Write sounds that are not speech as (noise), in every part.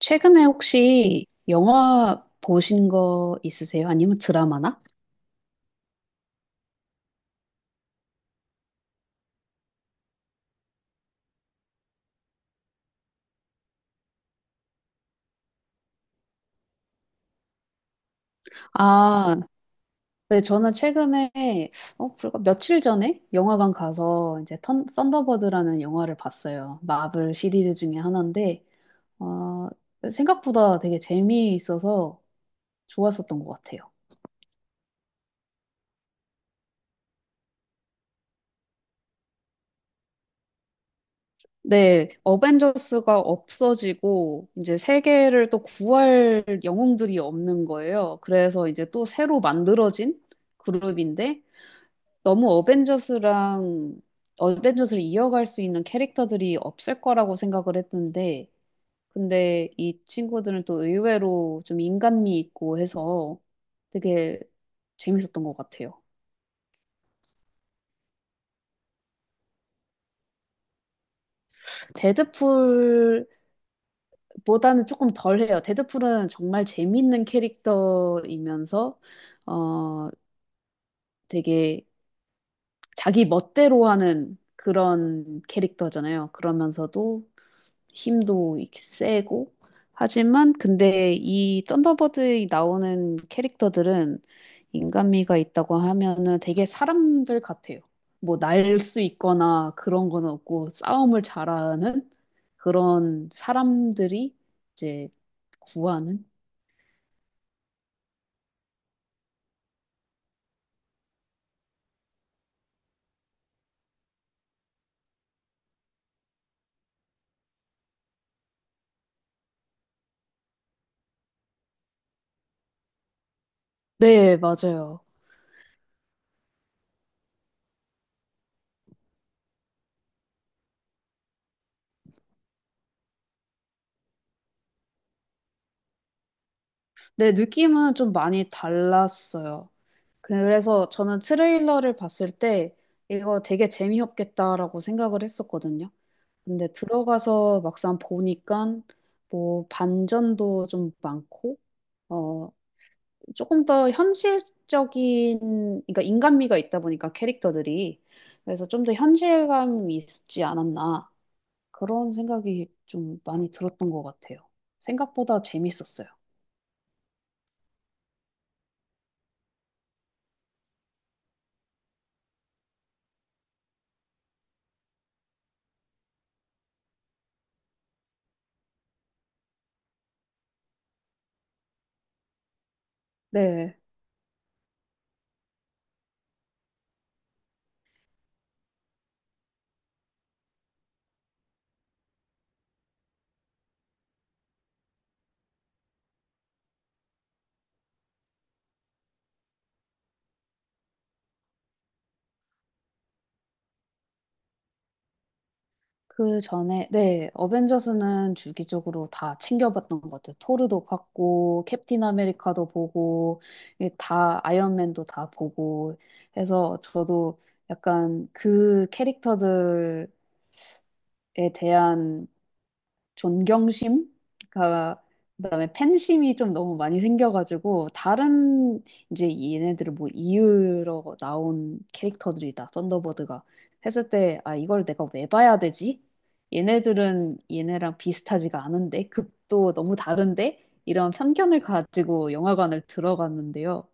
최근에 혹시 영화 보신 거 있으세요? 아니면 드라마나? 아, 네, 저는 최근에, 불과 며칠 전에 영화관 가서 이제 턴, 썬더버드라는 영화를 봤어요. 마블 시리즈 중에 하나인데, 어, 생각보다 되게 재미있어서 좋았었던 것 같아요. 네, 어벤져스가 없어지고 이제 세계를 또 구할 영웅들이 없는 거예요. 그래서 이제 또 새로 만들어진 그룹인데 너무 어벤져스랑 어벤져스를 이어갈 수 있는 캐릭터들이 없을 거라고 생각을 했는데, 근데 이 친구들은 또 의외로 좀 인간미 있고 해서 되게 재밌었던 것 같아요. 데드풀보다는 조금 덜해요. 데드풀은 정말 재밌는 캐릭터이면서 어 되게 자기 멋대로 하는 그런 캐릭터잖아요. 그러면서도 힘도 세고 하지만 근데 이 썬더버드에 나오는 캐릭터들은 인간미가 있다고 하면은 되게 사람들 같아요. 뭐 날 수 있거나 그런 건 없고 싸움을 잘하는 그런 사람들이 이제 구하는? 네, 맞아요. 네, 느낌은 좀 많이 달랐어요. 그래서 저는 트레일러를 봤을 때 이거 되게 재미없겠다라고 생각을 했었거든요. 근데 들어가서 막상 보니까 뭐 반전도 좀 많고, 어, 조금 더 현실적인, 그러니까 인간미가 있다 보니까 캐릭터들이. 그래서 좀 더 현실감이 있지 않았나. 그런 생각이 좀 많이 들었던 것 같아요. 생각보다 재밌었어요. 네. 그 전에, 네, 어벤져스는 주기적으로 다 챙겨봤던 것 같아요. 토르도 봤고, 캡틴 아메리카도 보고, 이게 다, 아이언맨도 다 보고 해서 저도 약간 그 캐릭터들에 대한 존경심, 가 그다음에 팬심이 좀 너무 많이 생겨가지고 다른 이제 얘네들을 뭐 이으러 나온 캐릭터들이다. 썬더버드가 했을 때 아 이걸 내가 왜 봐야 되지? 얘네들은 얘네랑 비슷하지가 않은데 급도 너무 다른데 이런 편견을 가지고 영화관을 들어갔는데요.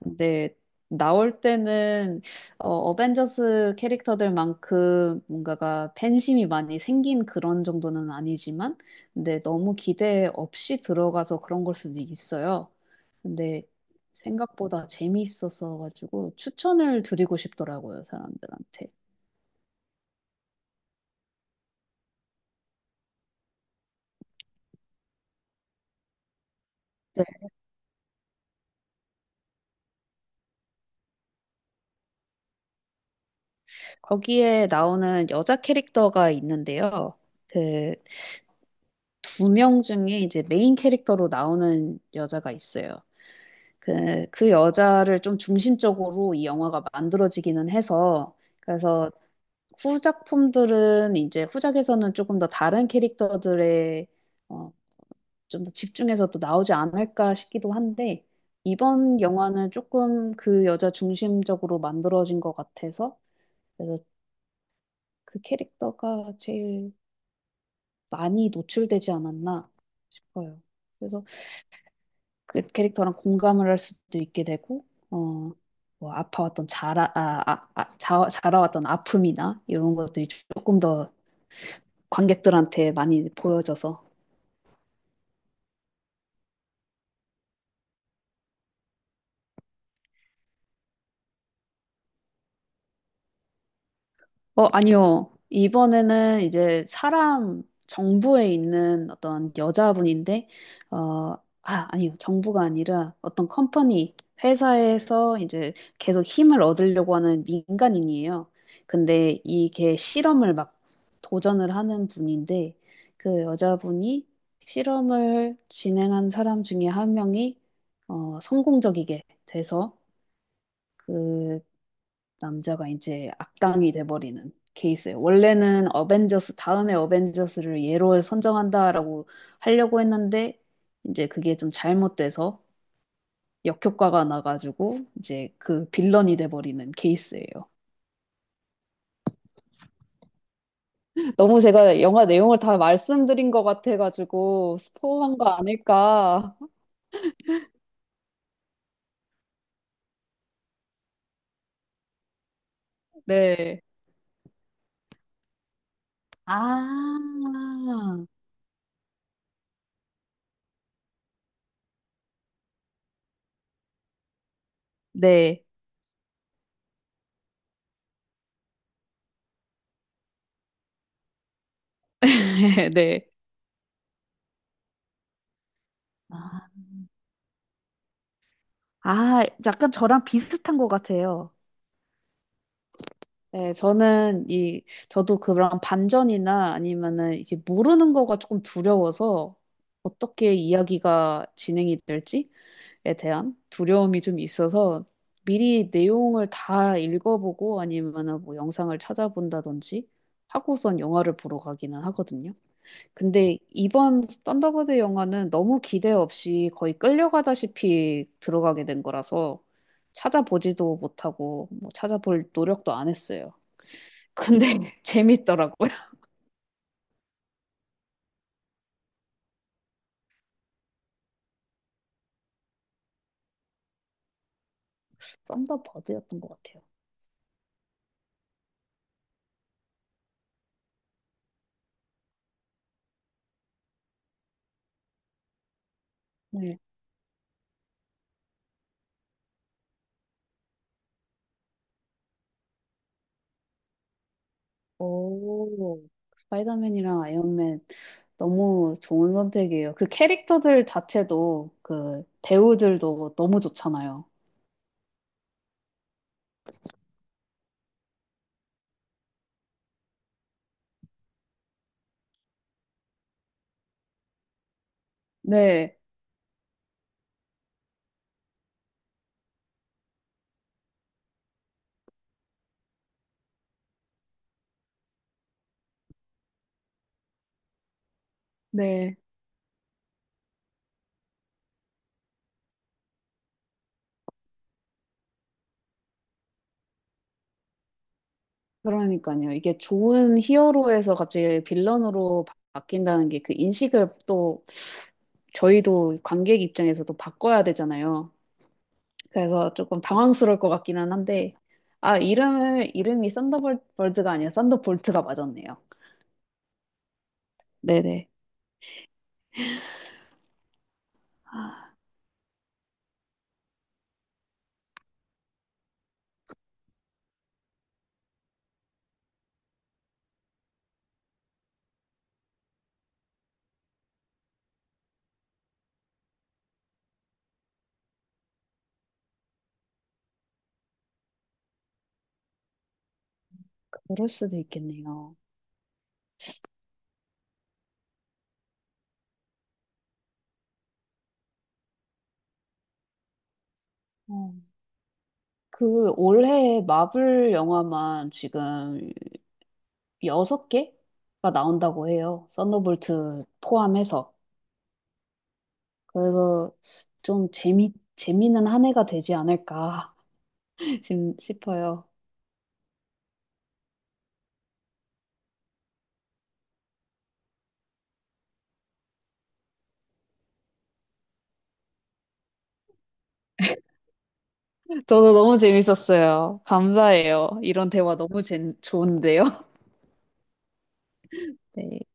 근데 나올 때는 어벤져스 캐릭터들만큼 뭔가가 팬심이 많이 생긴 그런 정도는 아니지만, 근데 너무 기대 없이 들어가서 그런 걸 수도 있어요. 근데 생각보다 재미있어서 가지고 추천을 드리고 싶더라고요, 사람들한테. 네. 거기에 나오는 여자 캐릭터가 있는데요. 그 두 명 중에 이제 메인 캐릭터로 나오는 여자가 있어요. 그, 그 여자를 좀 중심적으로 이 영화가 만들어지기는 해서, 그래서 후작품들은 이제 후작에서는 조금 더 다른 캐릭터들의 어, 좀 더 집중해서 또 나오지 않을까 싶기도 한데, 이번 영화는 조금 그 여자 중심적으로 만들어진 것 같아서, 그래서 그 캐릭터가 제일 많이 노출되지 않았나 싶어요. 그래서 그 캐릭터랑 공감을 할 수도 있게 되고, 어, 뭐 아파왔던 자라, 아, 아, 아, 자, 자라왔던 아픔이나 이런 것들이 조금 더 관객들한테 많이 보여져서 아니요. 이번에는 이제 사람, 정부에 있는 어떤 여자분인데, 어, 아, 아니요. 정부가 아니라 어떤 컴퍼니, 회사에서 이제 계속 힘을 얻으려고 하는 민간인이에요. 근데 이게 실험을 막 도전을 하는 분인데, 그 여자분이 실험을 진행한 사람 중에 한 명이 성공적이게 돼서 그 남자가 이제 악당이 돼버리는 케이스예요. 원래는 어벤져스, 다음에 어벤져스를 얘로 선정한다라고 하려고 했는데, 이제 그게 좀 잘못돼서 역효과가 나가지고, 이제 그 빌런이 돼버리는 케이스예요. 너무 제가 영화 내용을 다 말씀드린 것 같아가지고, 스포한 거 아닐까. 네. 아, 네. (laughs) 네. 아, 아, 약간 저랑 비슷한 것 같아요. 네, 저는 이, 저도 그런 반전이나 아니면은 이제 모르는 거가 조금 두려워서 어떻게 이야기가 진행이 될지에 대한 두려움이 좀 있어서 미리 내용을 다 읽어보고 아니면은 뭐 영상을 찾아본다든지 하고선 영화를 보러 가기는 하거든요. 근데 이번 썬더버드 영화는 너무 기대 없이 거의 끌려가다시피 들어가게 된 거라서 찾아보지도 못하고 뭐 찾아볼 노력도 안 했어요. 근데 (laughs) 재밌더라고요. 썬더버드였던 것 같아요. 네. 오, 스파이더맨이랑 아이언맨 너무 좋은 선택이에요. 그 캐릭터들 자체도 그 배우들도 너무 좋잖아요. 네, 네. 그러니까요. 이게 좋은 히어로에서 갑자기 빌런으로 바뀐다는 게 그 인식을 또 저희도 관객 입장에서도 바꿔야 되잖아요. 그래서 조금 당황스러울 것 같기는 한데, 아, 이름을, 이름이 썬더볼즈가 아니라 썬더볼트가 맞았네요. 네네. 아, 그럴 수도 있겠네요. 어, 그 올해 마블 영화만 지금 여섯 개가 나온다고 해요. 썬더볼트 포함해서. 그래서 좀 재미, 재미는 한 해가 되지 않을까 (laughs) 싶어요. 저도 너무 재밌었어요. 감사해요. 이런 대화 너무 재, 좋은데요. (laughs) 네.